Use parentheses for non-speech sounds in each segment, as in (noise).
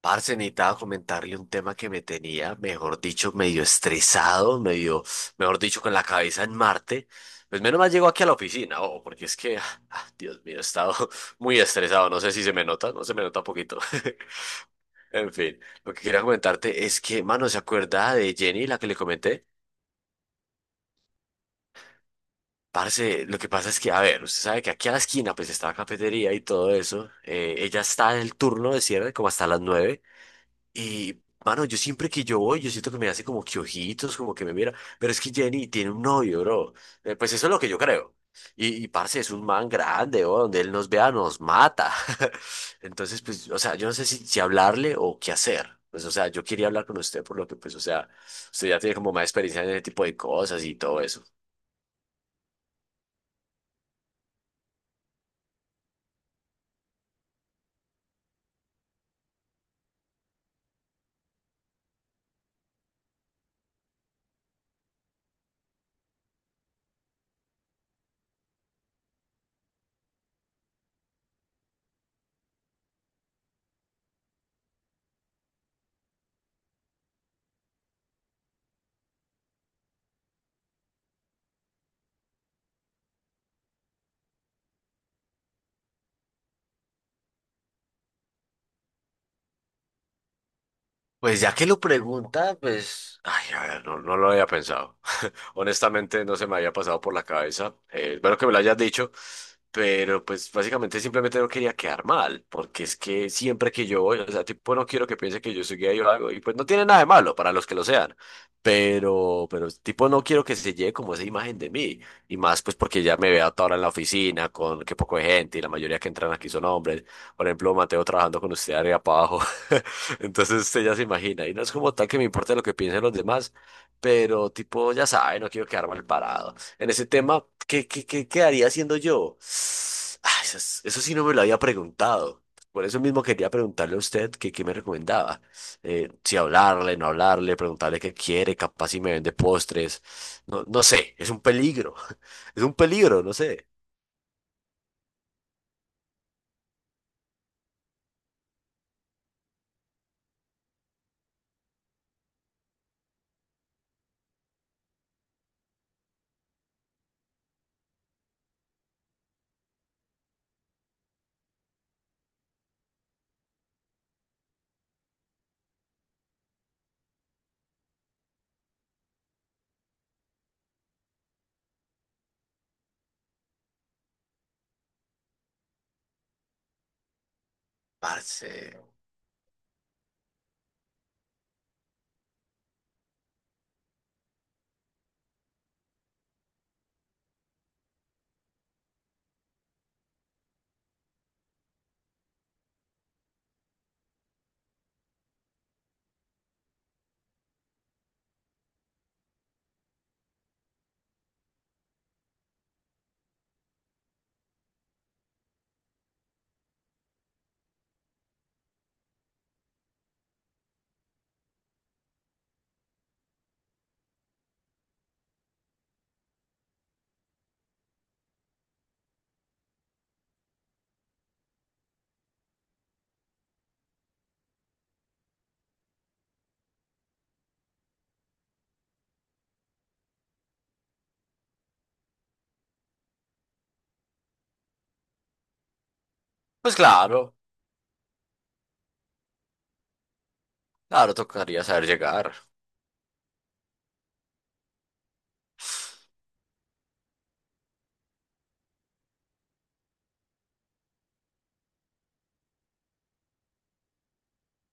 Parce, necesitaba comentarle un tema que me tenía, mejor dicho, medio estresado, medio, mejor dicho, con la cabeza en Marte. Pues menos mal llegó aquí a la oficina, oh, porque es que, Dios mío, he estado (laughs) muy estresado. No sé si se me nota, no se me nota poquito. (laughs) En fin, lo que quería comentarte es que, mano, ¿se acuerda de Jenny, la que le comenté? Parce, lo que pasa es que, a ver, usted sabe que aquí a la esquina, pues está la cafetería y todo eso. Ella está en el turno de cierre, como hasta las nueve. Y, mano, yo siempre que yo voy, yo siento que me hace como que ojitos, como que me mira. Pero es que Jenny tiene un novio, bro. Pues eso es lo que yo creo. Y parce, es un man grande, bro. Donde él nos vea, nos mata. (laughs) Entonces, pues, o sea, yo no sé si hablarle o qué hacer. Pues, o sea, yo quería hablar con usted por lo que, pues, o sea, usted ya tiene como más experiencia en ese tipo de cosas y todo eso. Pues ya que lo pregunta, pues, ay, a ver, no lo había pensado. Honestamente no se me había pasado por la cabeza. Bueno que me lo hayas dicho, pero pues básicamente simplemente no quería quedar mal, porque es que siempre que yo voy, o sea, tipo, no quiero que piense que yo soy gay o algo, y pues no tiene nada de malo para los que lo sean, pero tipo, no quiero que se lleve como esa imagen de mí, y más pues porque ya me veo a toda hora en la oficina con que poco de gente y la mayoría que entran aquí son hombres. Por ejemplo, Mateo trabajando con usted arriba para abajo. (laughs) Entonces usted ya se imagina. Y no es como tal que me importe lo que piensen los demás, pero tipo, ya sabe, no quiero quedar mal parado. En ese tema, ¿qué quedaría haciendo yo? Ah, eso, eso sí no me lo había preguntado. Por eso mismo quería preguntarle a usted que qué me recomendaba. Si hablarle, no hablarle, preguntarle qué quiere, capaz si me vende postres. No, no sé, es un peligro. (laughs) Es un peligro, no sé. Parce. Pues claro, claro, tocaría saber llegar.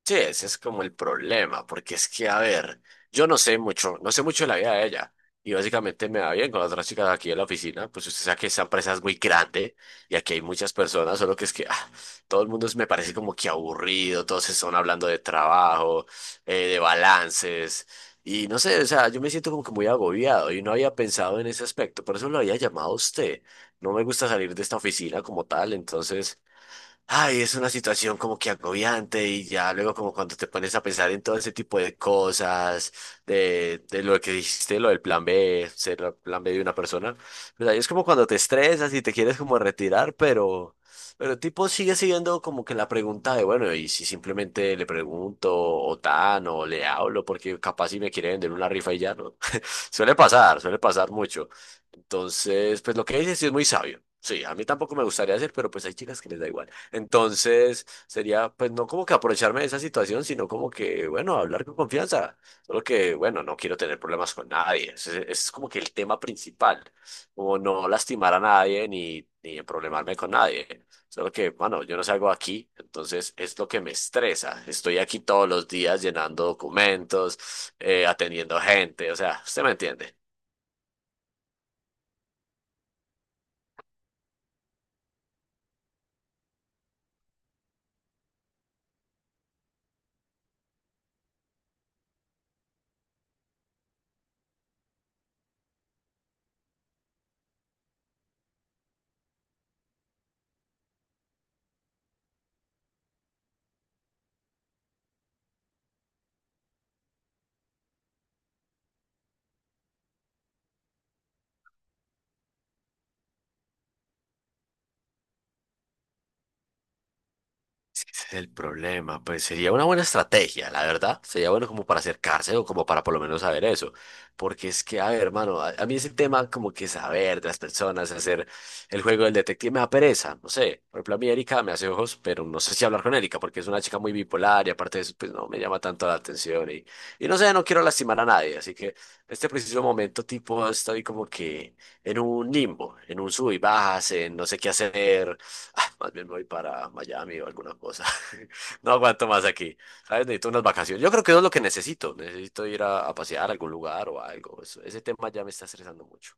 Sí, ese es como el problema, porque es que, a ver, yo no sé mucho, no sé mucho de la vida de ella. Y básicamente me va bien con las otras chicas aquí en la oficina, pues usted sabe que esta empresa es muy grande y aquí hay muchas personas, solo que es que todo el mundo me parece como que aburrido, todos están hablando de trabajo, de balances, y no sé, o sea, yo me siento como que muy agobiado y no había pensado en ese aspecto, por eso lo había llamado a usted. No me gusta salir de esta oficina como tal, entonces… Ay, es una situación como que agobiante y ya luego como cuando te pones a pensar en todo ese tipo de cosas, de lo que dijiste, lo del plan B, ser el plan B de una persona, pues ahí es como cuando te estresas y te quieres como retirar, pero tipo sigue siendo como que la pregunta de, bueno, y si simplemente le pregunto o tan o le hablo porque capaz si me quiere vender una rifa y ya no. (laughs) Suele pasar mucho. Entonces, pues lo que dices sí es muy sabio. Sí, a mí tampoco me gustaría hacer, pero pues hay chicas que les da igual. Entonces, sería pues no como que aprovecharme de esa situación, sino como que, bueno, hablar con confianza. Solo que, bueno, no quiero tener problemas con nadie. Ese es como que el tema principal, como no lastimar a nadie ni problemarme con nadie. Solo que, bueno, yo no salgo aquí, entonces es lo que me estresa. Estoy aquí todos los días llenando documentos, atendiendo gente, o sea, usted me entiende. Ese es el problema, pues sería una buena estrategia, la verdad. Sería bueno como para acercarse o como para por lo menos saber eso. Porque es que, a ver, hermano, a mí ese tema como que saber de las personas, hacer el juego del detective me da pereza, no sé. Por ejemplo, a mí Erika me hace ojos, pero no sé si hablar con Erika porque es una chica muy bipolar y aparte de eso, pues no me llama tanto la atención y no sé, no quiero lastimar a nadie. Así que en este preciso momento, tipo, estoy como que en un limbo, en un sub y bajas, en no sé qué hacer. Ah, más bien me voy para Miami o alguna cosa. (laughs) No aguanto más aquí. ¿Sabes? Necesito unas vacaciones. Yo creo que eso es lo que necesito. Necesito ir a pasear a algún lugar o algo. Ese tema ya me está estresando mucho.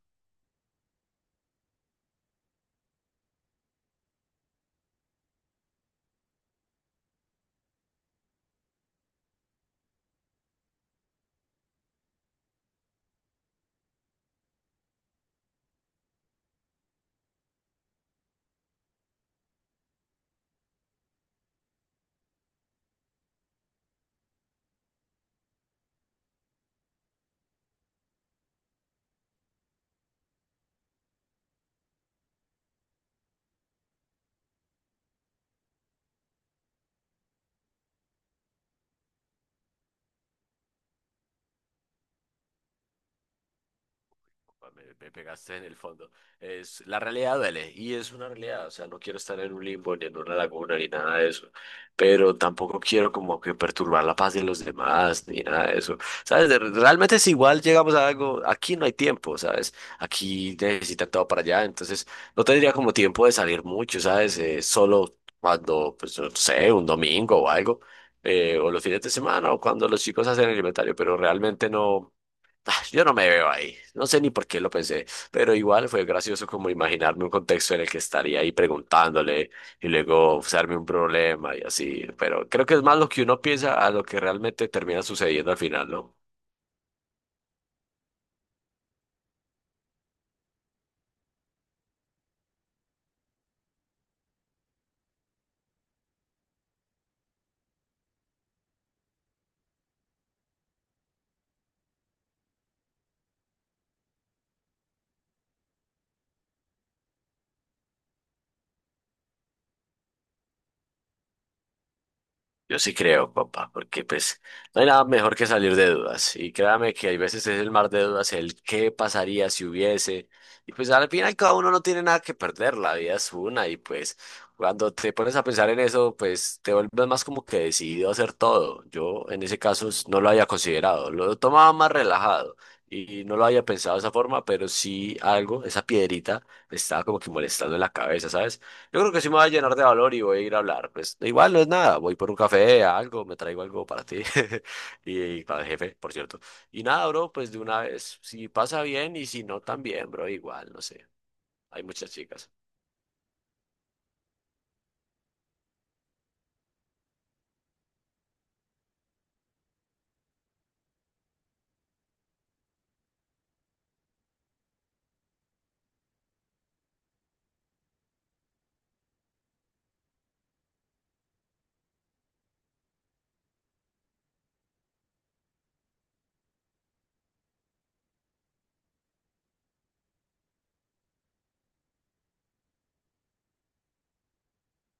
Me pegaste en el fondo. Es, la realidad duele y es una realidad. O sea, no quiero estar en un limbo ni en una laguna ni nada de eso. Pero tampoco quiero como que perturbar la paz de los demás ni nada de eso. ¿Sabes? Realmente si igual llegamos a algo, aquí no hay tiempo, ¿sabes? Aquí necesita todo para allá. Entonces no tendría como tiempo de salir mucho, ¿sabes? Solo cuando, pues no sé, un domingo o algo. O los fines de semana o cuando los chicos hacen el inventario. Pero realmente no. Ah, yo no me veo ahí, no sé ni por qué lo pensé, pero igual fue gracioso como imaginarme un contexto en el que estaría ahí preguntándole y luego usarme un problema y así, pero creo que es más lo que uno piensa a lo que realmente termina sucediendo al final, ¿no? Yo sí creo, papá, porque pues no hay nada mejor que salir de dudas. Y créame que hay veces es el mar de dudas, el qué pasaría si hubiese. Y pues al final cada uno no tiene nada que perder, la vida es una. Y pues cuando te pones a pensar en eso, pues te vuelves más como que decidido a hacer todo. Yo en ese caso no lo había considerado, lo tomaba más relajado y no lo había pensado de esa forma, pero sí algo, esa piedrita, me estaba como que molestando en la cabeza, ¿sabes? Yo creo que sí me va a llenar de valor y voy a ir a hablar. Pues igual no es nada, voy por un café, a algo, me traigo algo para ti (laughs) y para el jefe, por cierto. Y nada, bro, pues de una vez, si pasa bien y si no también, bro, igual, no sé. Hay muchas chicas.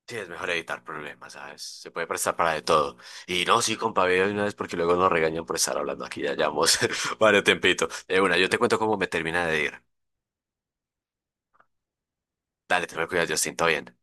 Sí, es mejor evitar problemas, ¿sabes? Se puede prestar para de todo. Y no, sí, compa, ve de una vez porque luego nos regañan por estar hablando aquí, ya llevamos (laughs) varios tempito. De una, yo te cuento cómo me termina de ir. Dale, te me cuidas, Justin, todo bien.